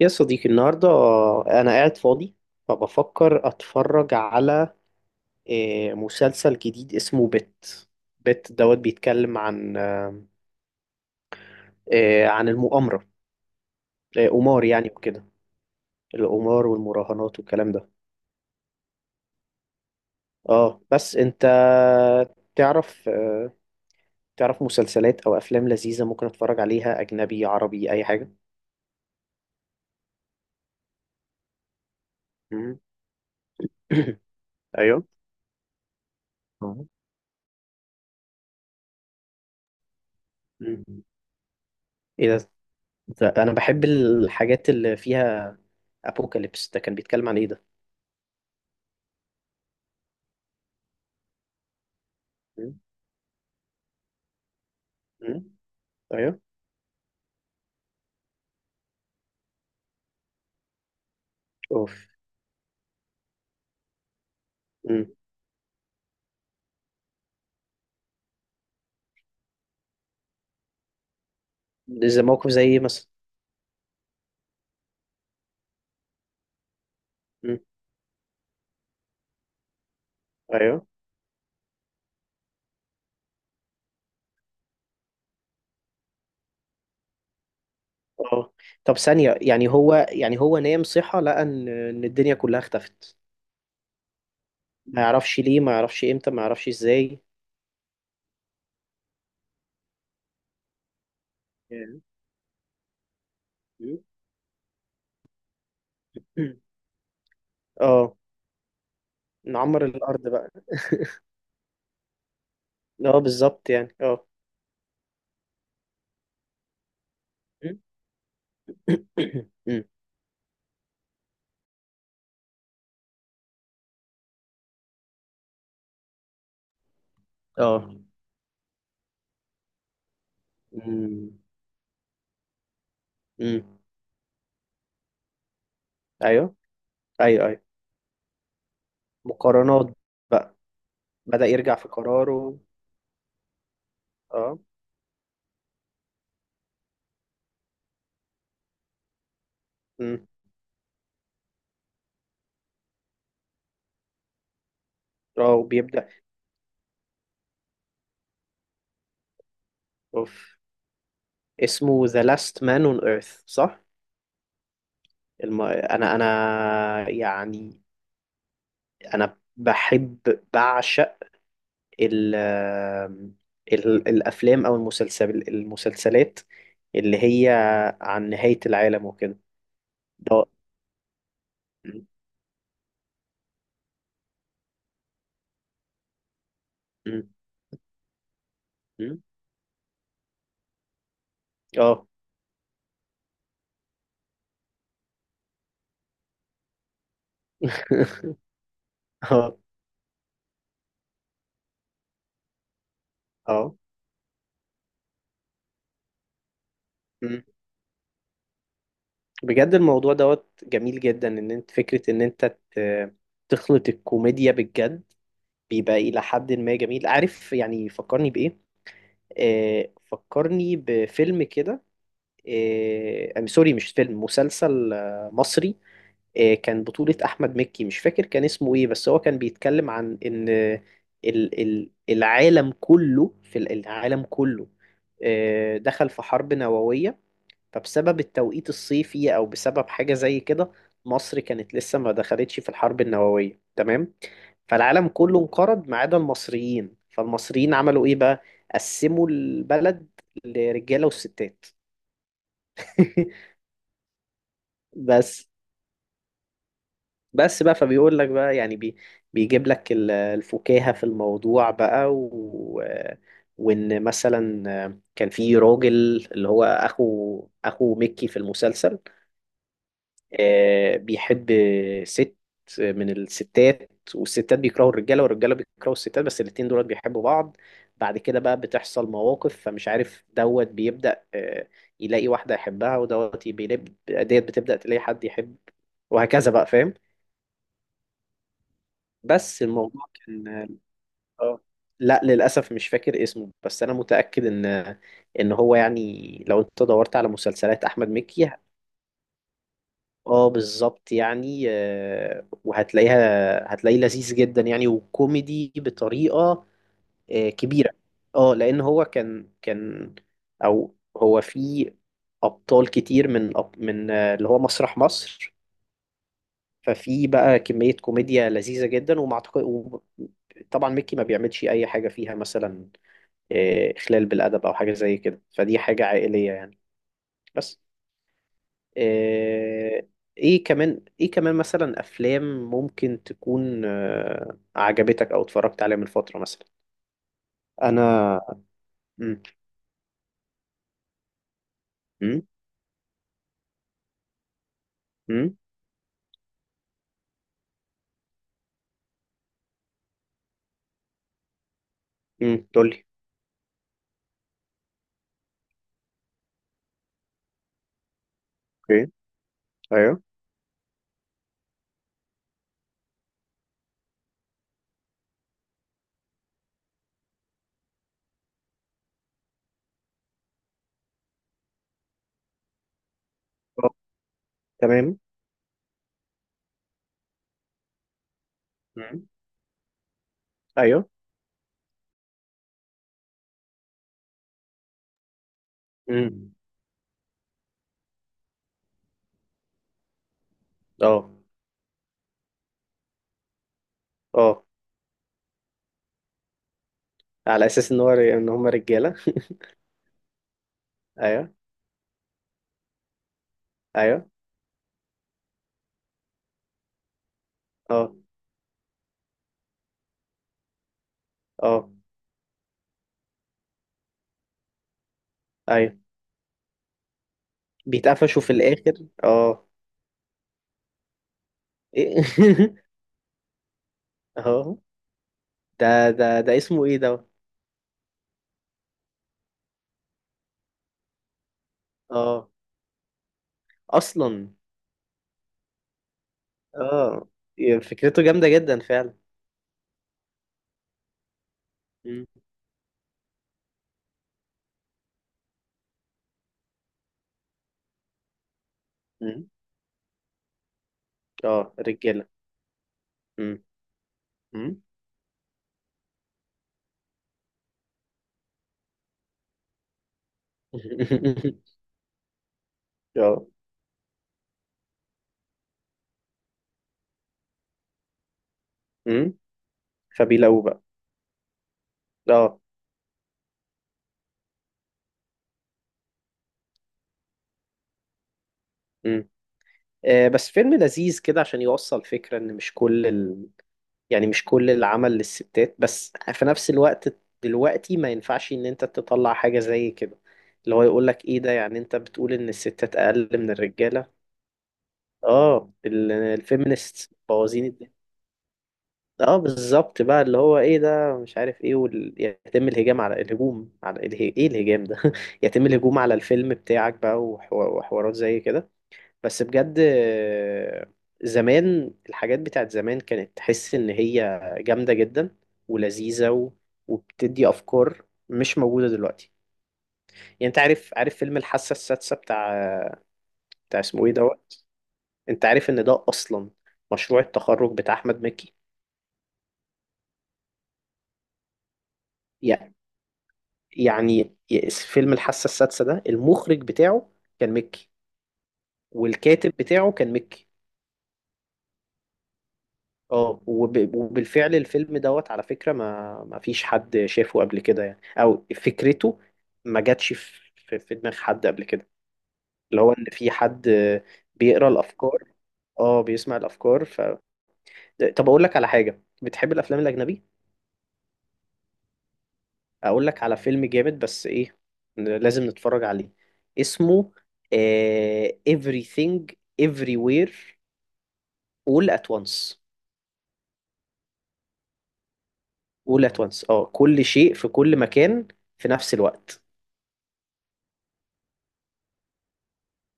يا صديقي، النهاردة أنا قاعد فاضي، فبفكر أتفرج على مسلسل جديد اسمه بت دوت. بيتكلم عن عن المؤامرة، قمار يعني وكده. القمار والمراهنات والكلام ده. اه، بس أنت تعرف آه، تعرف مسلسلات أو أفلام لذيذة ممكن أتفرج عليها، أجنبي عربي أي حاجة؟ مم. أيوه. أه. مم. إيه ده؟ ده أنا بحب الحاجات اللي فيها ابوكاليبس. ده كان بيتكلم عن ايه ده؟ مم. مم. ايوه. اوف. مم. ده زي موقف زي ايه مثلا؟ مم. ايوه. اه. طب ثانية، يعني هو نام صحى لقى ان الدنيا كلها اختفت؟ ما يعرفش ليه، ما يعرفش امتى، ما يعرفش ازاي. ياه. مم. اه. نعمر الارض بقى. اه، بالظبط يعني اه. مم. مم. اه. مم. مم. ايوه ايوه ايوه. مقارنات بقى. بدأ يرجع في قراره. اه. اه، وبيبدأ. اوف. اسمه The Last Man on Earth، صح؟ انا يعني، انا بعشق ال... الافلام او المسلسلات اللي هي عن نهاية العالم وكده. ده م- م- اه. اه. اه. م. بجد الموضوع دوت جميل جدا. ان انت فكرة ان انت ت- تخلط الكوميديا بالجد بيبقى إلى حد ما جميل، عارف يعني؟ فكرني بإيه، فكرني بفيلم كده. I'm sorry، مش فيلم، مسلسل مصري. كان بطولة أحمد مكي. مش فاكر كان اسمه إيه، بس هو كان بيتكلم عن إن ال ال العالم كله في ال- العالم كله دخل في حرب نووية. فبسبب التوقيت الصيفي او بسبب حاجه زي كده، مصر كانت لسه ما دخلتش في الحرب النوويه، تمام؟ فالعالم كله انقرض ما عدا المصريين. فالمصريين عملوا ايه بقى؟ قسموا البلد لرجاله وستات. بس بس بقى فبيقول لك بقى، يعني بيجيب لك الفكاهة في الموضوع بقى. وان مثلا كان في راجل، اللي هو اخو ميكي في المسلسل، بيحب ست من الستات. والستات بيكرهوا الرجاله، والرجاله بيكرهوا الستات، بس الاتنين دول بيحبوا بعض. بعد كده بقى بتحصل مواقف فمش عارف. دوت بيبدأ يلاقي واحده يحبها، ودوت بيلاقي ديت بتبدأ تلاقي حد يحب، وهكذا بقى، فاهم؟ بس الموضوع كان اه. لا، للأسف مش فاكر اسمه، بس أنا متأكد إن هو يعني لو أنت دورت على مسلسلات أحمد مكي. اه، بالظبط يعني وهتلاقيها هتلاقيه لذيذ جدا يعني، وكوميدي بطريقة كبيرة. اه، لأن هو كان أو هو في أبطال كتير من اللي هو مسرح مصر. ففي بقى كمية كوميديا لذيذة جدا، وما أعتقد طبعا ميكي ما بيعملش أي حاجة فيها مثلا إخلال بالأدب أو حاجة زي كده. فدي حاجة عائلية يعني. بس آه، ايه كمان، ايه كمان مثلا افلام ممكن تكون عجبتك او اتفرجت عليها من فترة مثلا؟ انا. امم. امم. امم. تقول لي. اوكي. ايوه. آه، تمام. امم. ايوه. امم. اه. اه. على اساس ان هم رجالة. ايوه. ايوه. اه. اه. ايوه. بيتقفشوا في الاخر اه. ايه. اه، ده اسمه ايه ده؟ اه، اصلا. اه، يعني فكرته جامدة جدا فعلا. مم. مم. اه، رجالة. مم. مم. اه. مم. فبيلاقوه بقى. اه. مم. بس فيلم لذيذ كده، عشان يوصل فكرة ان مش كل يعني مش كل العمل للستات، بس في نفس الوقت دلوقتي ما ينفعش ان انت تطلع حاجة زي كده. اللي هو يقول لك ايه ده؟ يعني انت بتقول ان الستات اقل من الرجالة. اه، الفيمينست بوظين الدنيا. اه، بالظبط بقى، اللي هو ايه ده؟ مش عارف ايه يتم الهجام على الهجوم على ايه الهجام ده؟ يتم الهجوم على الفيلم بتاعك بقى وحوارات زي كده. بس بجد زمان الحاجات بتاعت زمان كانت تحس ان هي جامدة جدا ولذيذة وبتدي افكار مش موجودة دلوقتي. يعني انت عارف، فيلم الحاسة السادسة بتاع اسمه ايه دوت. انت عارف ان ده اصلا مشروع التخرج بتاع احمد مكي؟ يعني فيلم الحاسة السادسة ده المخرج بتاعه كان مكي، والكاتب بتاعه كان مكي. اه وبالفعل الفيلم دوت على فكرة ما ما فيش حد شافه قبل كده يعني، او فكرته ما جاتش في دماغ حد قبل كده. اللي هو ان في حد بيقرا الافكار. اه، بيسمع الافكار طب اقول لك على حاجة. بتحب الافلام الاجنبي؟ اقول لك على فيلم جامد، بس ايه، لازم نتفرج عليه. اسمه Everything Everywhere all at once. all at once، اه، كل شيء في كل مكان في نفس الوقت.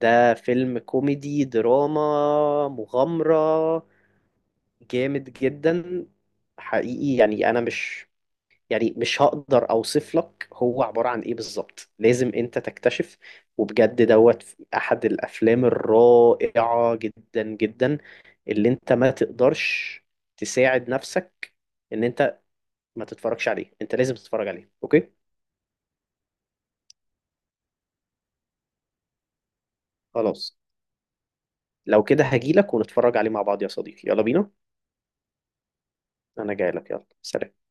ده فيلم كوميدي دراما مغامرة جامد جدا. حقيقي يعني انا مش، يعني مش هقدر اوصف لك هو عبارة عن ايه بالظبط. لازم انت تكتشف. وبجد دوت احد الافلام الرائعة جدا جدا اللي انت ما تقدرش تساعد نفسك ان انت ما تتفرجش عليه. انت لازم تتفرج عليه، اوكي؟ خلاص. لو كده هجيلك ونتفرج عليه مع بعض يا صديقي، يلا بينا. انا جايلك، يلا، سلام.